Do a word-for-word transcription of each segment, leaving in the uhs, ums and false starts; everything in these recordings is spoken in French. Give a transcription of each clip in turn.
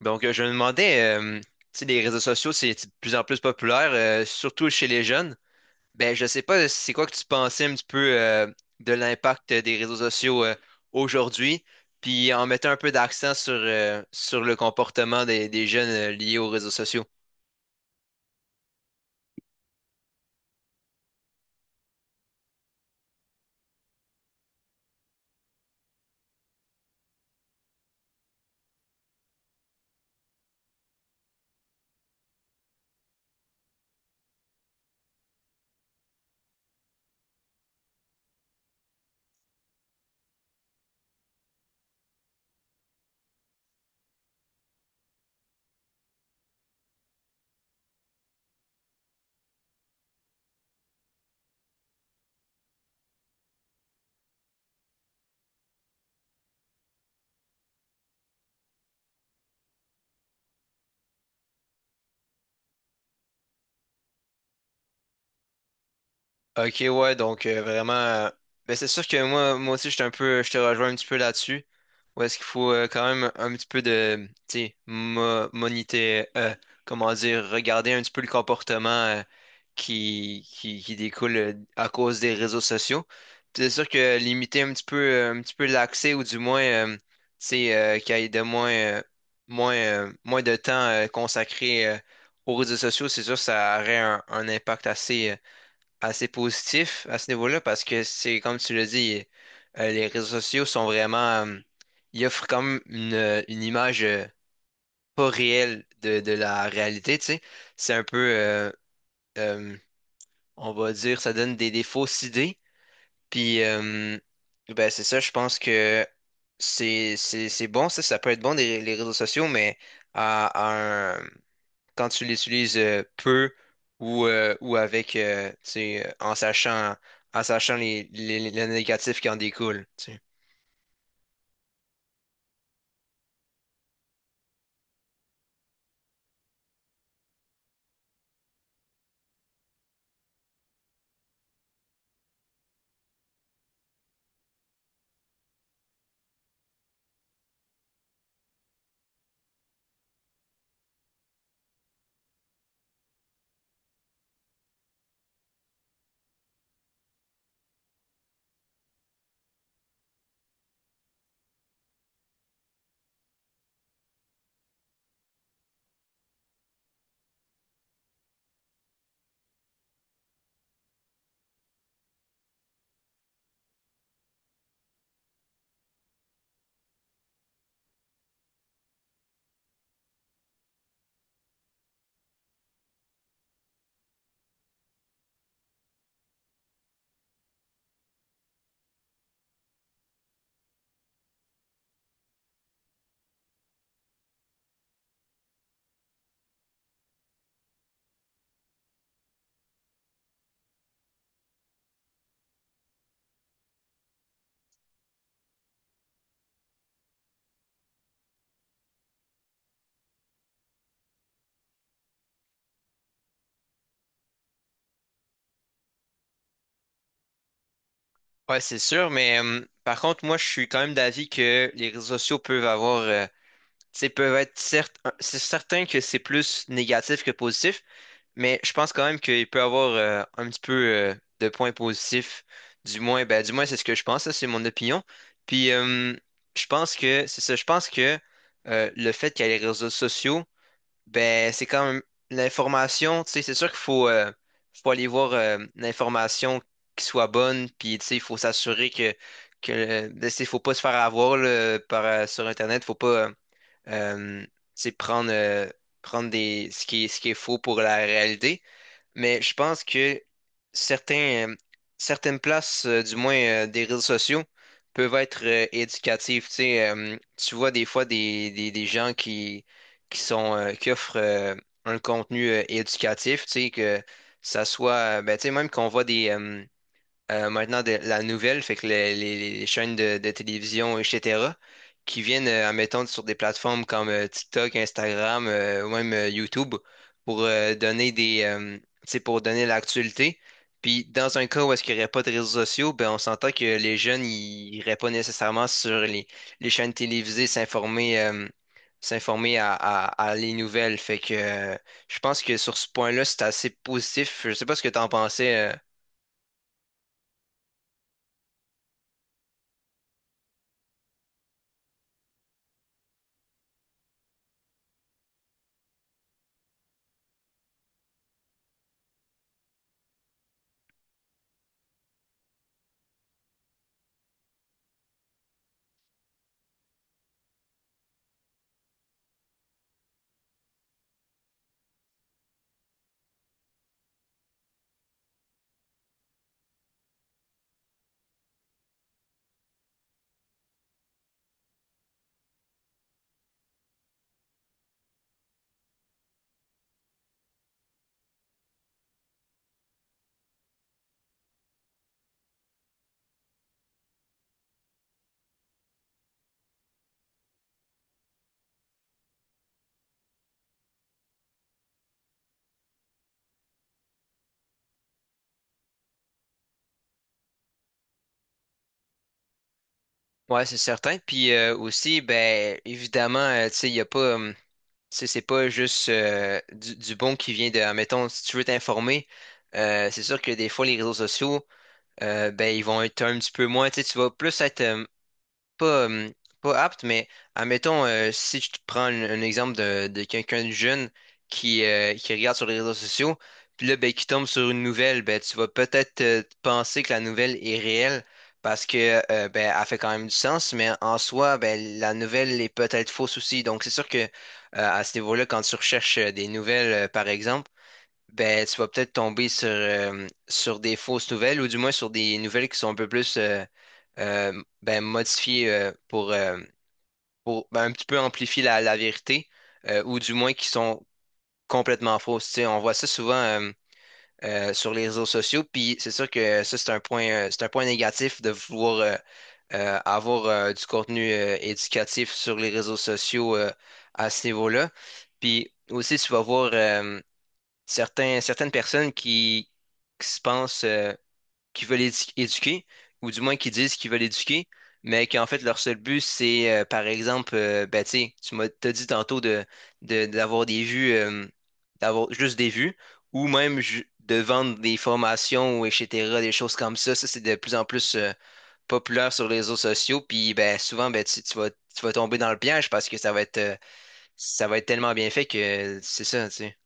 Donc, euh, je me demandais, euh, tu sais, les réseaux sociaux, c'est de plus en plus populaire, euh, surtout chez les jeunes. Ben, je sais pas, c'est quoi que tu pensais un petit peu euh, de l'impact des réseaux sociaux euh, aujourd'hui, puis en mettant un peu d'accent sur, euh, sur le comportement des, des jeunes euh, liés aux réseaux sociaux. Ok, ouais, donc euh, vraiment. Euh, ben, c'est sûr que moi, moi aussi, je suis un peu, je te rejoins un petit peu là-dessus. Où est-ce qu'il faut euh, quand même un petit peu de, tu sais, mo- moniter, euh, comment dire, regarder un petit peu le comportement euh, qui, qui, qui découle euh, à cause des réseaux sociaux. Puis c'est sûr que limiter un petit peu, euh, un petit peu l'accès ou du moins, euh, tu sais, euh, qu'il y ait de moins, euh, moins, euh, moins de temps euh, consacré euh, aux réseaux sociaux, c'est sûr que ça aurait un, un impact assez. Euh, assez positif à ce niveau-là parce que c'est comme tu l'as dit, euh, les réseaux sociaux sont vraiment, euh, ils offrent comme une, euh, une image euh, pas réelle de, de la réalité, tu sais. C'est un peu, euh, euh, on va dire, ça donne des, des fausses idées. Puis, euh, ben c'est ça, je pense que c'est, c'est, c'est bon, ça, ça peut être bon des- les réseaux sociaux, mais à, à un- quand tu l'utilises euh, peu ou, euh, ou avec, euh, tu sais, euh, en sachant, en sachant les, les, les négatifs qui en découlent. Tu sais. Ouais, c'est sûr, mais euh, par contre, moi, je suis quand même d'avis que les réseaux sociaux peuvent avoir, euh, tu sais, peuvent être certes, c'est certain que c'est plus négatif que positif, mais je pense quand même qu'il peut avoir euh, un petit peu euh, de points positifs. Du moins, ben, du moins, c'est ce que je pense, ça, c'est mon opinion. Puis, euh, je pense que, c'est ça, je pense que euh, le fait qu'il y ait les réseaux sociaux, ben, c'est quand même l'information, tu sais, c'est sûr qu'il faut, euh, faut aller voir euh, l'information qui soit bonne, puis tu sais, il faut s'assurer que, que euh, ben, c'est- faut pas se faire avoir là, par, euh, sur Internet, faut pas euh, euh, tu sais, prendre, euh, prendre des, ce qui est, ce qui est faux pour la réalité. Mais je pense que certains, euh, certaines places, euh, du moins euh, des réseaux sociaux, peuvent être euh, éducatives. Tu sais, euh, tu vois des fois des, des, des gens qui, qui sont, euh, qui offrent euh, un contenu euh, éducatif, tu sais, que ça soit, euh, ben, tu sais, même qu'on voit des, euh, euh, maintenant de la nouvelle, fait que les, les- les chaînes de, de télévision, et cætera, qui viennent, euh, admettons, sur des plateformes comme euh, TikTok, Instagram, euh, ou même euh, YouTube, pour euh, donner des, euh, tu sais, pour donner l'actualité. Puis dans un cas où est-ce qu'il n'y aurait pas de réseaux sociaux, ben on s'entend que les jeunes, ils n'iraient pas nécessairement sur les, les chaînes télévisées s'informer euh, s'informer à, à- à les nouvelles. Fait que euh, Je pense que sur ce point-là, c'est assez positif. Je sais pas ce que tu en pensais euh, ouais, c'est certain. Puis euh, aussi, ben évidemment, euh, tu sais, il y a pas, euh, tu sais, c'est pas juste euh, du, du bon qui vient de, admettons, si tu veux t'informer, euh, c'est sûr que des fois les réseaux sociaux, euh, ben ils vont être un petit peu moins, tu sais, tu vas plus être euh, pas, euh, pas apte, mais admettons, euh, si je te prends un, un exemple de, de quelqu'un de jeune qui, euh, qui regarde sur les réseaux sociaux, puis là, ben, qui tombe sur une nouvelle, ben, tu vas peut-être euh, penser que la nouvelle est réelle parce que euh, ben, elle fait quand même du sens, mais en soi, ben, la nouvelle est peut-être fausse aussi. Donc, c'est sûr que euh, à ce niveau-là, quand tu recherches euh, des nouvelles, euh, par exemple, ben, tu vas peut-être tomber sur, euh, sur des fausses nouvelles ou du moins sur des nouvelles qui sont un peu plus euh, euh, ben, modifiées euh, pour, euh, pour ben, un petit peu amplifier la, la vérité euh, ou du moins qui sont complètement fausses. Tu sais, on voit ça souvent euh, euh, sur les réseaux sociaux, puis c'est sûr que ça, c'est un point, euh, c'est un point négatif de vouloir euh, euh, avoir euh, du contenu euh, éducatif sur les réseaux sociaux euh, à ce niveau-là. Puis aussi, tu vas voir. Euh, certains, certaines personnes qui, qui se pensent, euh, qui veulent édu- éduquer, ou du moins qui disent qu'ils veulent éduquer, mais qu'en fait, leur seul but, c'est, euh, par exemple, euh, ben, tu sais, tu m'as t'as dit tantôt de, de- d'avoir des vues, euh, d'avoir juste des vues, ou même ju- de vendre des formations, ou et cætera, des choses comme ça. Ça, c'est de plus en plus, euh, populaire sur les réseaux sociaux, puis ben, souvent, ben, tu, tu vas, tu vas tomber dans le piège parce que ça va être... euh, ça va être tellement bien fait que c'est ça, tu sais.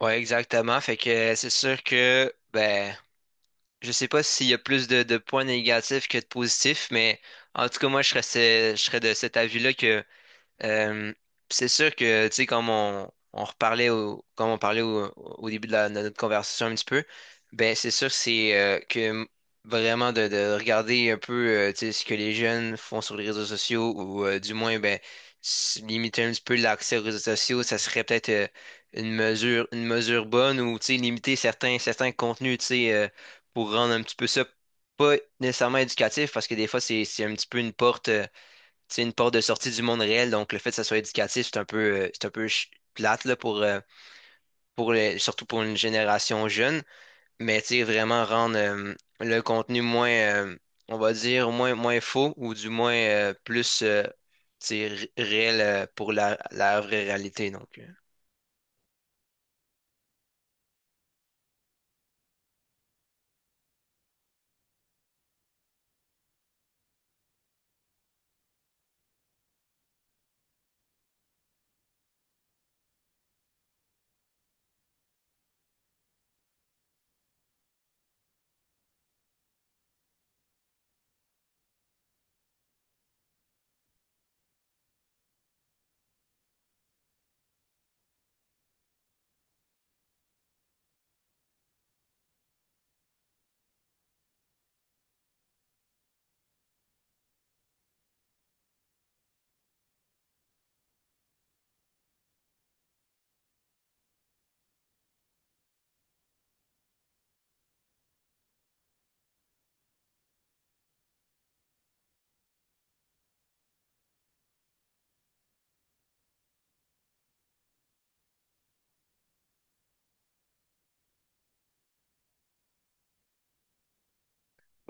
Ouais, exactement. Fait que c'est sûr que, ben, je sais pas s'il y a plus de, de points négatifs que de positifs, mais en tout cas, moi, je serais, ce- je serais de cet avis-là que Euh, c'est sûr que, tu sais, comme on, on reparlait au, comme on parlait au, au début de, la- de notre conversation un petit peu, ben c'est sûr c'est euh, que vraiment de, de regarder un peu euh, tu sais, ce que les jeunes font sur les réseaux sociaux ou euh, du moins ben s- limiter un petit peu l'accès aux réseaux sociaux, ça serait peut-être euh, une mesure une mesure bonne ou tu sais, limiter certains certains contenus, tu sais, euh, pour rendre un petit peu ça pas nécessairement éducatif parce que des fois c'est c'est un petit peu une porte euh, c'est une porte de sortie du monde réel, donc le fait que ça soit éducatif, c'est un peu, euh, c'est un peu ch- plate là, pour, euh, pour les- surtout pour une génération jeune, mais tu sais, vraiment rendre euh, le contenu moins, euh, on va dire, moins, moins faux ou du moins euh, plus euh, tu sais, ré- réel euh, pour la, la vraie réalité. Donc, euh.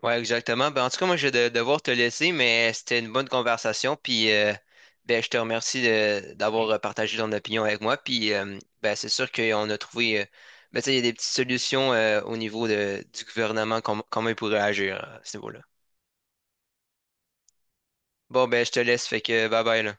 Ouais, exactement. Ben, en tout cas, moi, je vais de- devoir te laisser, mais c'était une bonne conversation. Puis, euh, ben, je te remercie de- d'avoir euh, partagé ton opinion avec moi. Puis, euh, ben, c'est sûr qu'on a trouvé, euh, ben, tu sais, il y a des petites solutions euh, au niveau de, du gouvernement, com- comment il pourrait agir euh, à ce niveau-là. Bon, ben, je te laisse. Fait que, bye bye, là.